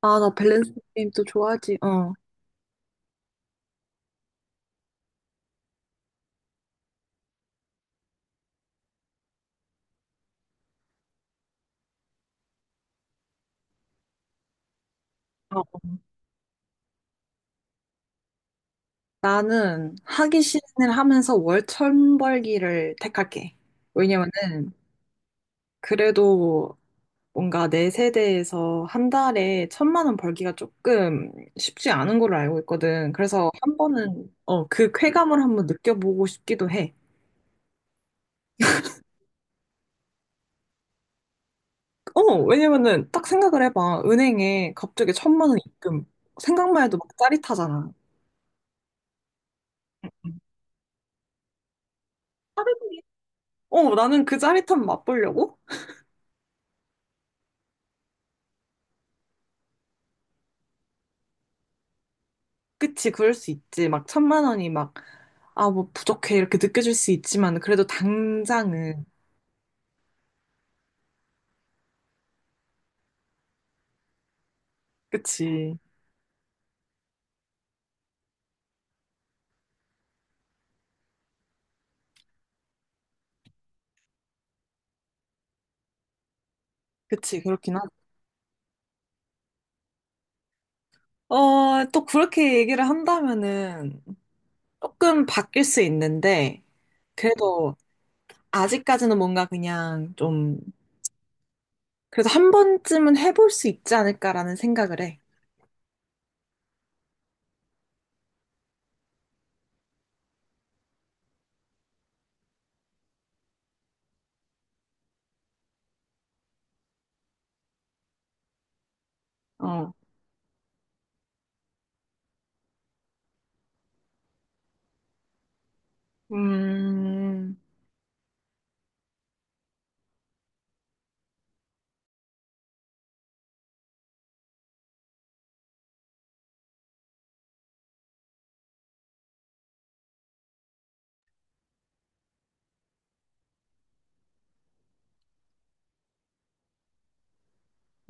아, 나 밸런스 게임 또 좋아하지. 어. 어, 나는 하기 싫은 일 하면서 월천 벌기를 택할게. 왜냐면은 그래도 뭔가 내 세대에서 한 달에 천만 원 벌기가 조금 쉽지 않은 걸로 알고 있거든. 그래서 한 번은 어, 그 쾌감을 한번 느껴보고 싶기도 해. 어, 왜냐면은 딱 생각을 해봐. 은행에 갑자기 천만 원 입금. 생각만 해도 막 짜릿하잖아. 짜릿해. 어, 나는 그 짜릿함 맛보려고? 그치, 그럴 수 있지. 막 천만 원이 막, 아, 뭐 부족해. 이렇게 느껴질 수 있지만, 그래도 당장은. 그치. 그치, 그렇긴 하다. 어, 또 그렇게 얘기를 한다면은 조금 바뀔 수 있는데, 그래도 아직까지는 뭔가 그냥 좀, 그래도 한 번쯤은 해볼 수 있지 않을까라는 생각을 해. 어. 음,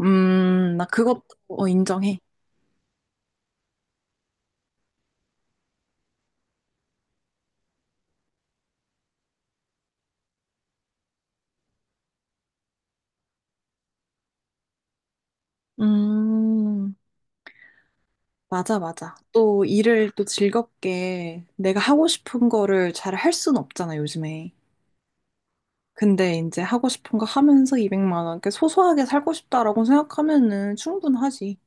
나 그것도 어, 인정해. 음. 맞아, 맞아. 또 일을 또 즐겁게 내가 하고 싶은 거를 잘 할 수는 없잖아, 요즘에. 근데 이제 하고 싶은 거 하면서 200만 원, 이렇게 소소하게 살고 싶다라고 생각하면은 충분하지.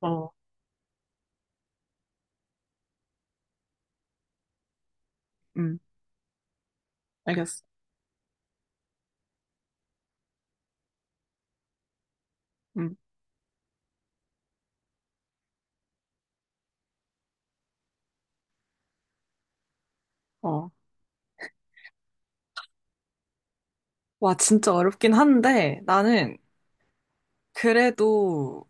어, 음, 알겠어. 음, 어, 와, 진짜 어렵긴 한데 나는 그래도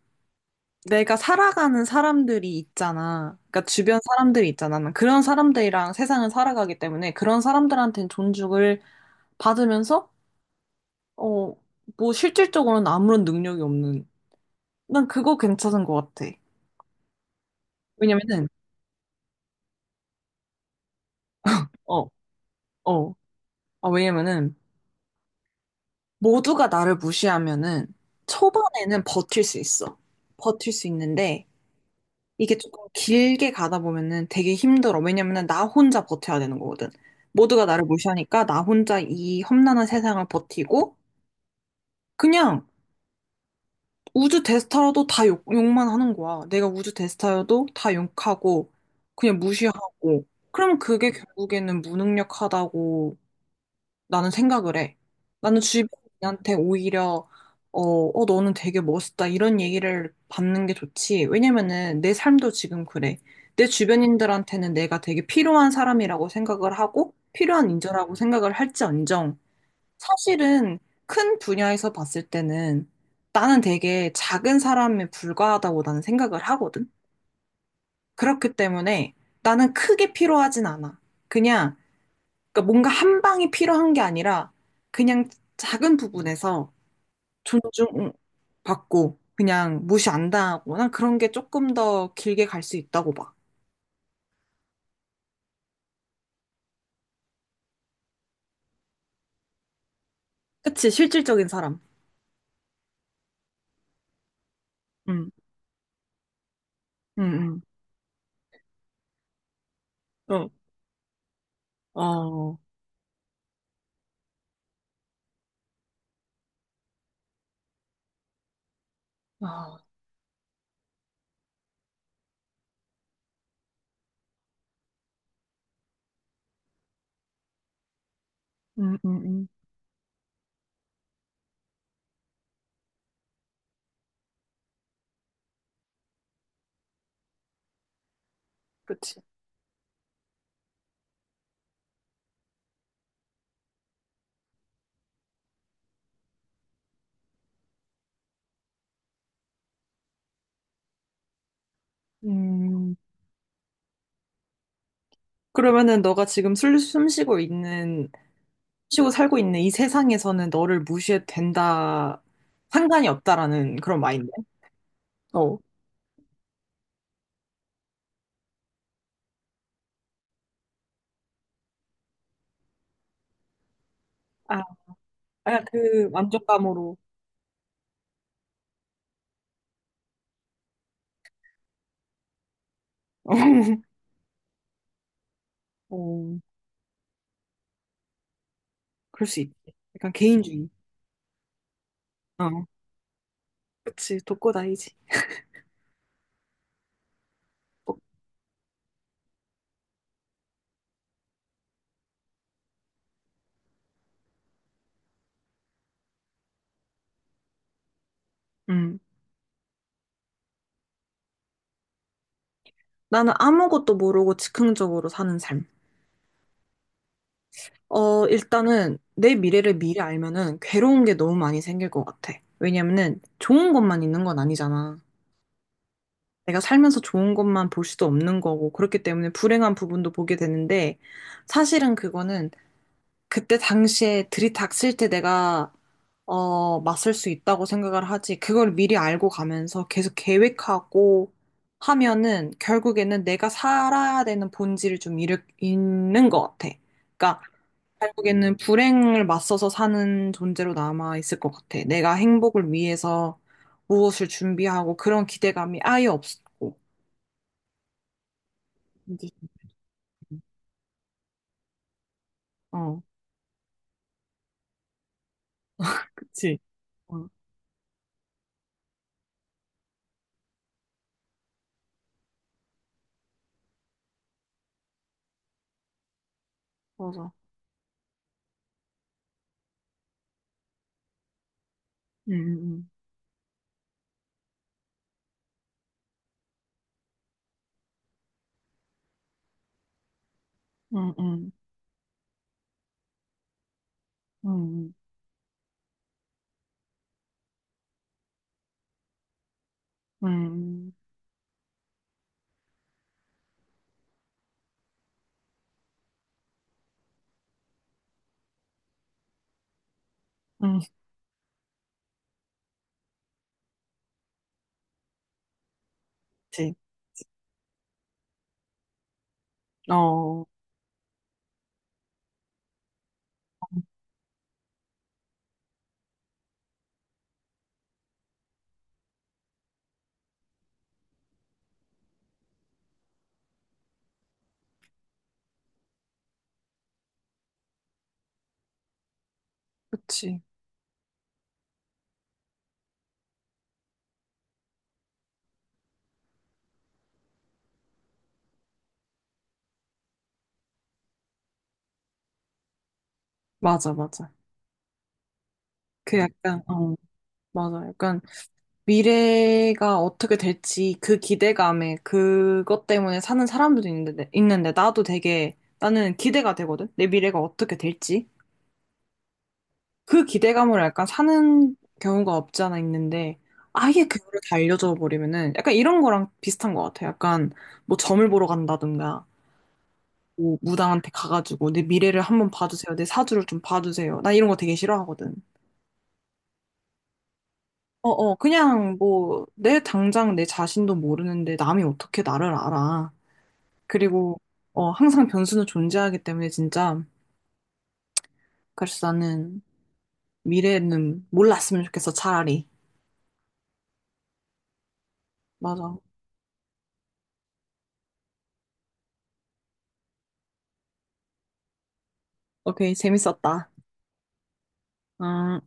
내가 살아가는 사람들이 있잖아. 그러니까 주변 사람들이 있잖아. 난 그런 사람들이랑 세상을 살아가기 때문에 그런 사람들한테는 존중을 받으면서 어, 뭐 실질적으로는 아무런 능력이 없는. 난 그거 괜찮은 것 같아. 왜냐면은, 어, 어, 아, 왜냐면은, 모두가 나를 무시하면은, 초반에는 버틸 수 있어. 버틸 수 있는데, 이게 조금 길게 가다 보면은 되게 힘들어. 왜냐면은 나 혼자 버텨야 되는 거거든. 모두가 나를 무시하니까 나 혼자 이 험난한 세상을 버티고, 그냥 우주 대스타라도 다 욕만 하는 거야. 내가 우주 대스타여도 다 욕하고, 그냥 무시하고. 그럼 그게 결국에는 무능력하다고 나는 생각을 해. 나는 주변인한테 오히려, 어, 어, 너는 되게 멋있다. 이런 얘기를 받는 게 좋지. 왜냐면은 내 삶도 지금 그래. 내 주변인들한테는 내가 되게 필요한 사람이라고 생각을 하고, 필요한 인재라고 생각을 할지언정. 사실은 큰 분야에서 봤을 때는 나는 되게 작은 사람에 불과하다고 나는 생각을 하거든. 그렇기 때문에 나는 크게 필요하진 않아. 그냥 그러니까 뭔가 한 방이 필요한 게 아니라 그냥 작은 부분에서 존중받고 그냥 무시 안 당하거나 그런 게 조금 더 길게 갈 수 있다고 봐. 그치, 실질적인 사람. 응, 응, 응. 어, 어, 아, 응, 응, 응. 그치. 음. 그러면은 너가 지금 숨 쉬고 있는, 쉬고 살고 있는 이 세상에서는 너를 무시해도 된다, 상관이 없다라는 그런 마인드. 어. 아, 약간 그 만족감으로. 어, 그럴 수 있지. 약간 개인주의. 어, 그치. 독고다이지. 어, 음. 나는 아무것도 모르고 즉흥적으로 사는 삶. 어, 일단은 내 미래를 미리 알면은 괴로운 게 너무 많이 생길 것 같아. 왜냐면은 좋은 것만 있는 건 아니잖아. 내가 살면서 좋은 것만 볼 수도 없는 거고, 그렇기 때문에 불행한 부분도 보게 되는데, 사실은 그거는 그때 당시에 들이닥칠 때 내가, 어, 맞설 수 있다고 생각을 하지, 그걸 미리 알고 가면서 계속 계획하고 하면은, 결국에는 내가 살아야 되는 본질을 좀 잃는 것 같아. 그러니까, 결국에는 불행을 맞서서 사는 존재로 남아 있을 것 같아. 내가 행복을 위해서 무엇을 준비하고, 그런 기대감이 아예 없고. 어, 그치. 어 맞아. 응, 응, 응, 응, 응, 응, 응, 응, 그치. 어, 그치. 맞아, 맞아. 그 약간, 어, 맞아. 약간 미래가 어떻게 될지 그 기대감에 그것 때문에 사는 사람들도 있는데, 있는데 나도 되게, 나는 기대가 되거든? 내 미래가 어떻게 될지. 그 기대감을 약간 사는 경우가 없지 않아 있는데 아예 그거를 다 알려줘 버리면은 약간 이런 거랑 비슷한 것 같아요. 약간 뭐 점을 보러 간다든가 뭐 무당한테 가가지고 내 미래를 한번 봐주세요. 내 사주를 좀 봐주세요. 나 이런 거 되게 싫어하거든. 어어 그냥 뭐 내 당장 내 자신도 모르는데 남이 어떻게 나를 알아. 그리고 어 항상 변수는 존재하기 때문에 진짜 그래서 나는 미래는 몰랐으면 좋겠어 차라리. 맞아. 오케이 재밌었다. 음.